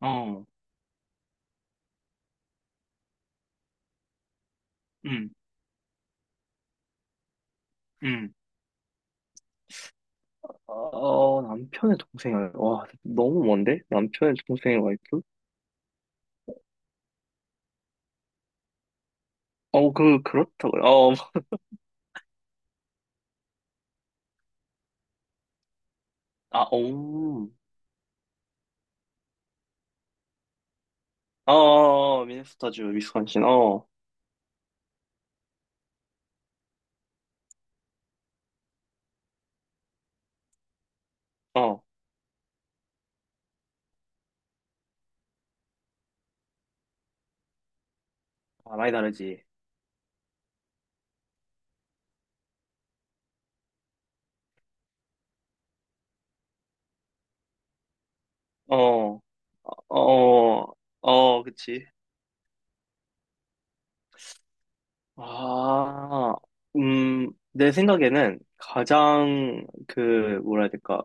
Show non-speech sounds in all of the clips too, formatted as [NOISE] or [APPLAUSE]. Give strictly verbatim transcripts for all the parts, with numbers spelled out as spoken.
어, 음, 음. 어, 남편의 동생이, 와 너무 먼데? 남편의 동생의 와이프? 어, 그, 그렇다고요. 어, 아, 오. 어, 어, 미네소타주, 위스콘신, 어, 어, 아, 많이 다르지. 어, 어, 어, 어, 그치. 아, 음, 내 생각에는 가장, 그, 뭐라 해야 될까.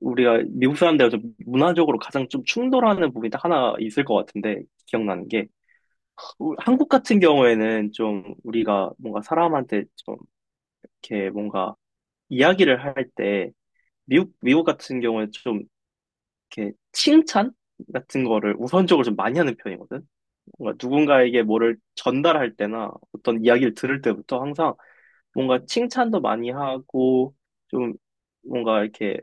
우리가 미국 사람들하고 좀 문화적으로 가장 좀 충돌하는 부분이 딱 하나 있을 것 같은데, 기억나는 게. 우- 한국 같은 경우에는 좀 우리가 뭔가 사람한테 좀 이렇게 뭔가 이야기를 할 때 미국 미국 같은 경우에 좀 이렇게 칭찬 같은 거를 우선적으로 좀 많이 하는 편이거든. 뭔가 누군가에게 뭐를 전달할 때나 어떤 이야기를 들을 때부터 항상 뭔가 칭찬도 많이 하고 좀 뭔가 이렇게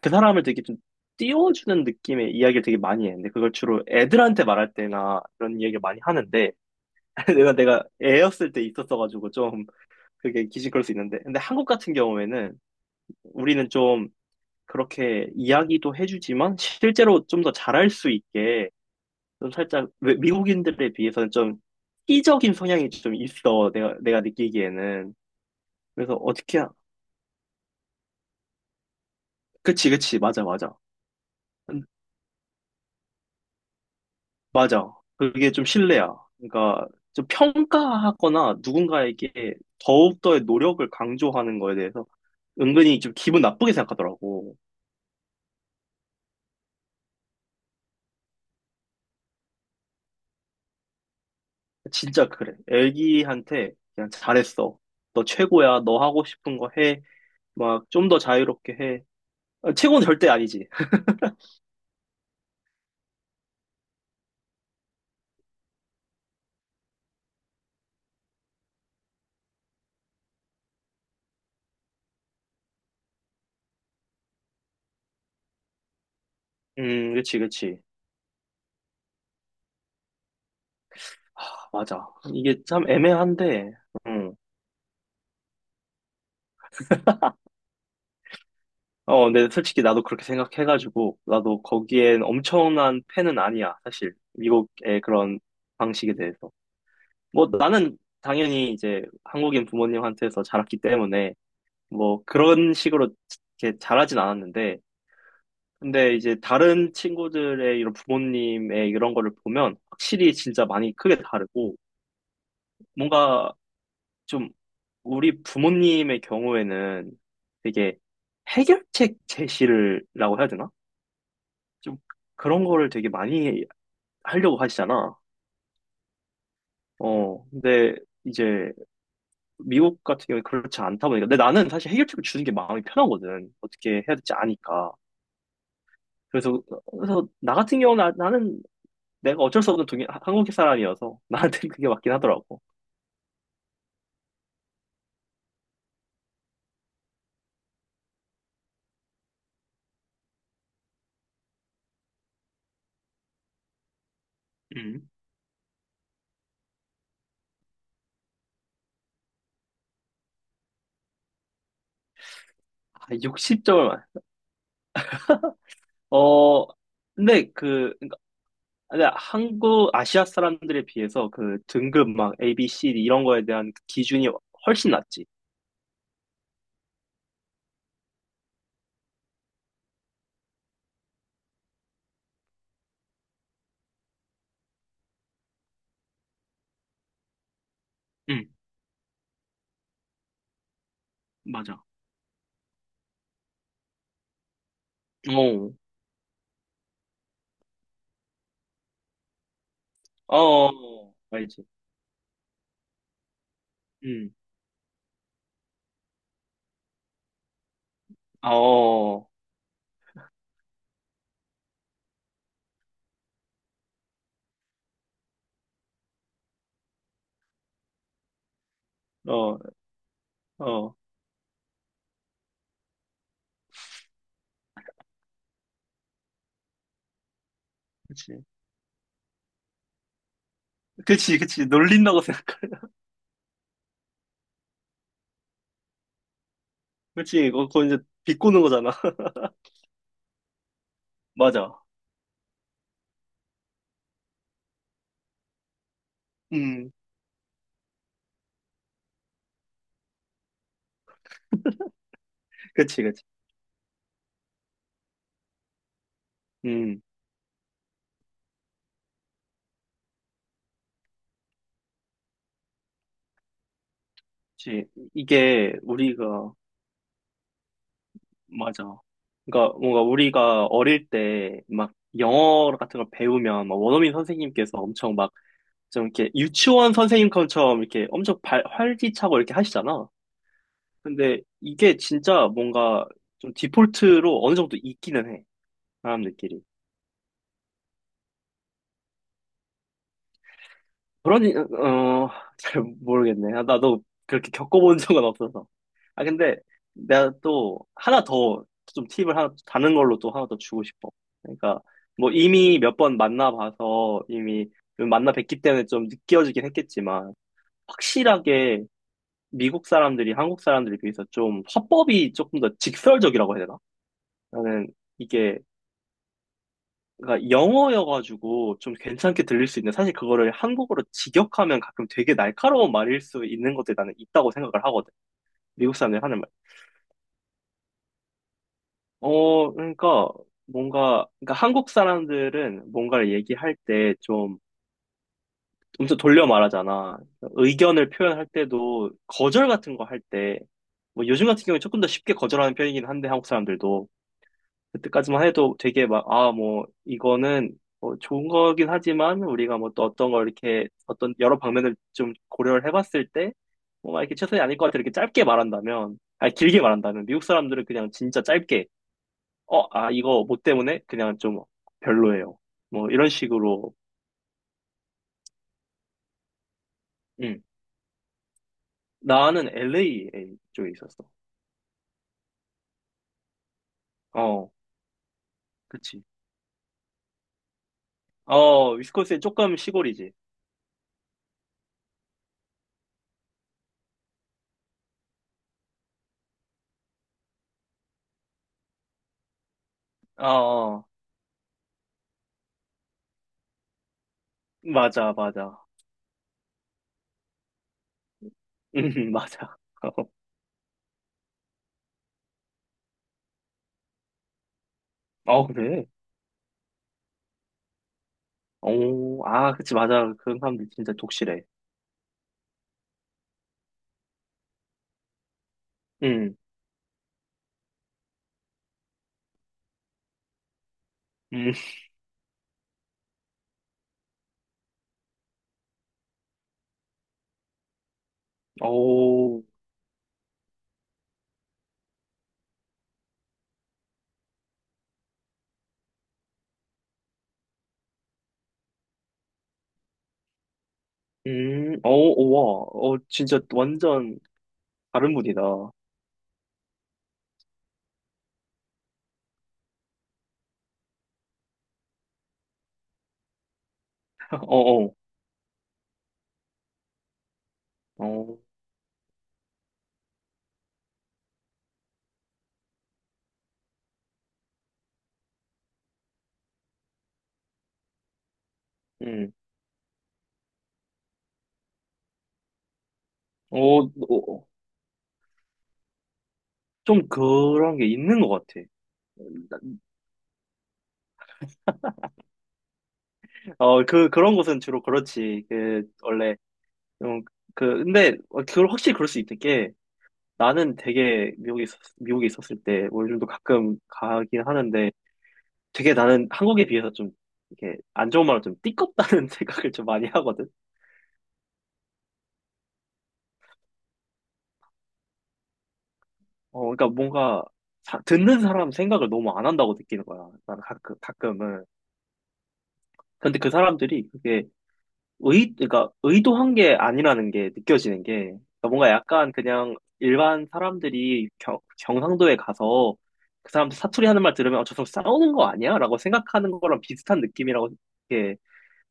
그 사람을 되게 좀 띄워주는 느낌의 이야기를 되게 많이 했는데 그걸 주로 애들한테 말할 때나 이런 이야기를 많이 하는데 [LAUGHS] 내가 내가 애였을 때 있었어가지고 좀 그게 기시걸 수 있는데 근데 한국 같은 경우에는 우리는 좀 그렇게 이야기도 해주지만 실제로 좀 더 잘할 수 있게 좀 살짝 외- 미국인들에 비해서는 좀 희적인 성향이 좀 있어 내가 내가 느끼기에는. 그래서 어떻게 하- 그치, 그치, 맞아, 맞아. 음, 맞아. 그게 좀 신뢰야. 그러니까 좀 평가하거나 누군가에게 더욱더의 노력을 강조하는 거에 대해서 은근히 좀 기분 나쁘게 생각하더라고. 진짜 그래. 애기한테 그냥 잘했어. 너 최고야. 너 하고 싶은 거 해. 막 좀 더 자유롭게 해. 아, 최고는 절대 아니지. 음, 그치, 그치. 아, 맞아. 이게 참 애매한데, 음. 어, 근데 솔직히 나도 그렇게 생각해가지고, 나도 거기엔 엄청난 팬은 아니야, 사실. 미국의 그런 방식에 대해서. 뭐, 나는 당연히 이제 한국인 부모님한테서 자랐기 때문에, 뭐, 그런 식으로 이렇게 자라진 않았는데, 근데 이제 다른 친구들의 이런 부모님의 이런 거를 보면 확실히 진짜 많이 크게 다르고 뭔가 좀 우리 부모님의 경우에는 되게 해결책 제시를 라고 해야 되나? 좀 그런 거를 되게 많이 하려고 하시잖아. 어, 근데 이제 미국 같은 경우에 그렇지 않다 보니까. 근데 나는 사실 해결책을 주는 게 마음이 편하거든. 어떻게 해야 될지 아니까. 그래서, 그래서 나 같은 경우는 나- 나는 내가 어쩔 수 없는 동양, 하- 한국 사람이어서 [LAUGHS] 나한테는 그게 맞긴 하더라고. 음. 아, 육십 점을 맞. 어, 근데 그, 근데 한국, 아시아 사람들에 비해서 그 등급 막 A, B, C D 이런 거에 대한 기준이 훨씬 낮지. 음. 맞아. 어, 어, 알지. 음. 어, 어, 어. 그치. 그치, 그치. 놀린다고 생각해. [LAUGHS] 그치, 그거, 그거 이제 비꼬는 거잖아. [LAUGHS] 맞아. 음. 그치, 그치. 음, 그치. 이게 우리가 맞아. 그러니까 뭔가 우리가 어릴 때 막 영어 같은 걸 배우면 막 원어민 선생님께서 엄청 막 좀 이렇게 유치원 선생님처럼 이렇게 엄청 발, 활기차고 이렇게 하시잖아. 근데 이게 진짜 뭔가 좀 디폴트로 어느 정도 있기는 해. 사람들끼리. 그러니 어 잘 모르겠네. 아, 나도 그렇게 겪어본 적은 없어서. 아 근데 내가 또 하나 더 좀 팁을 하나 다른 걸로 또 하나 더 주고 싶어. 그러니까 뭐 이미 몇 번 만나봐서 이미 만나 뵙기 때문에 좀 느껴지긴 했겠지만 확실하게 미국 사람들이 한국 사람들에 비해서 좀 화법이 조금 더 직설적이라고 해야 되나? 나는 이게 그러니까 영어여가지고 좀 괜찮게 들릴 수 있는데 사실 그거를 한국어로 직역하면 가끔 되게 날카로운 말일 수 있는 것들이 나는 있다고 생각을 하거든. 미국 사람들이 하는 말. 어, 그러니까 뭔가, 그러니까 한국 사람들은 뭔가를 얘기할 때 좀 엄청 돌려 말하잖아. 의견을 표현할 때도 거절 같은 거 할 때, 뭐 요즘 같은 경우에 조금 더 쉽게 거절하는 편이긴 한데 한국 사람들도 그때까지만 해도 되게 막, 아, 뭐, 이거는 뭐 좋은 거긴 하지만 우리가 뭐 또 어떤 걸 이렇게 어떤 여러 방면을 좀 고려를 해봤을 때 뭔가 이렇게 최선이 아닐 것 같아. 이렇게 짧게 말한다면, 아니, 길게 말한다면 미국 사람들은 그냥 진짜 짧게, 어, 아, 이거 뭐 때문에 그냥 좀 별로예요. 뭐 이런 식으로. 응. 나는 엘에이 쪽에 있었어. 어, 그치. 어, 위스콘신 조금 시골이지. 어, 어. 맞아, 맞아. [LAUGHS] 음, 맞아. [LAUGHS] 어, 그래. 오, 아, 그치, 맞아. 그런 사람들 진짜 독실해. 응, 음, 오, 음, 오, 오, 와, 어, 진짜 완전 다른 분이다. [LAUGHS] 어, 어, 응. 어, 음, 어, 어, 좀 그런 게 있는 것 같아. 어, 그, 그런 곳은 주로 그렇지. 그, 원래, 좀, 그, 근데, 어, 그걸 확실히 그럴 수 있는 게, 나는 되게 미국에 있었, 미국에 있었을 때, 뭐 요즘도 가끔 가긴 하는데, 되게 나는 한국에 비해서 좀 이렇게 안 좋은 말로 좀 띠껍다는 [LAUGHS] 생각을 좀 많이 하거든. 어, 그러니까 뭔가 사- 듣는 사람 생각을 너무 안 한다고 느끼는 거야. 나는 가끔, 가끔은. 근데 그 사람들이 그게 의, 그러니까 의도한 게 아니라는 게 느껴지는 게, 그러니까 뭔가 약간 그냥 일반 사람들이 경, 경상도에 가서 그 사람들 사투리 하는 말 들으면, 어, 저 사람 싸우는 거 아니야? 라고 생각하는 거랑 비슷한 느낌이라고 이렇게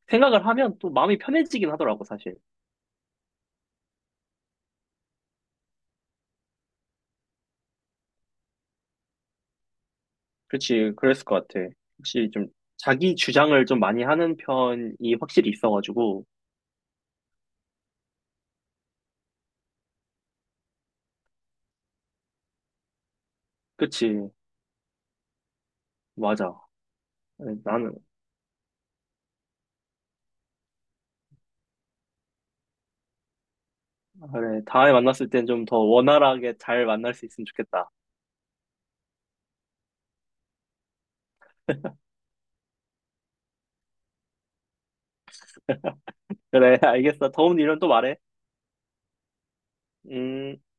생각을 하면 또 마음이 편해지긴 하더라고, 사실. 그렇지, 그랬을 것 같아. 혹시 좀 자기 주장을 좀 많이 하는 편이 확실히 있어가지고, 그치, 맞아. 아니, 나는, 그래, 다음에 만났을 땐 좀 더 원활하게 잘 만날 수 있으면 좋겠다. 그래, [LAUGHS] 알겠어. 더운 일은 또 말해. 음.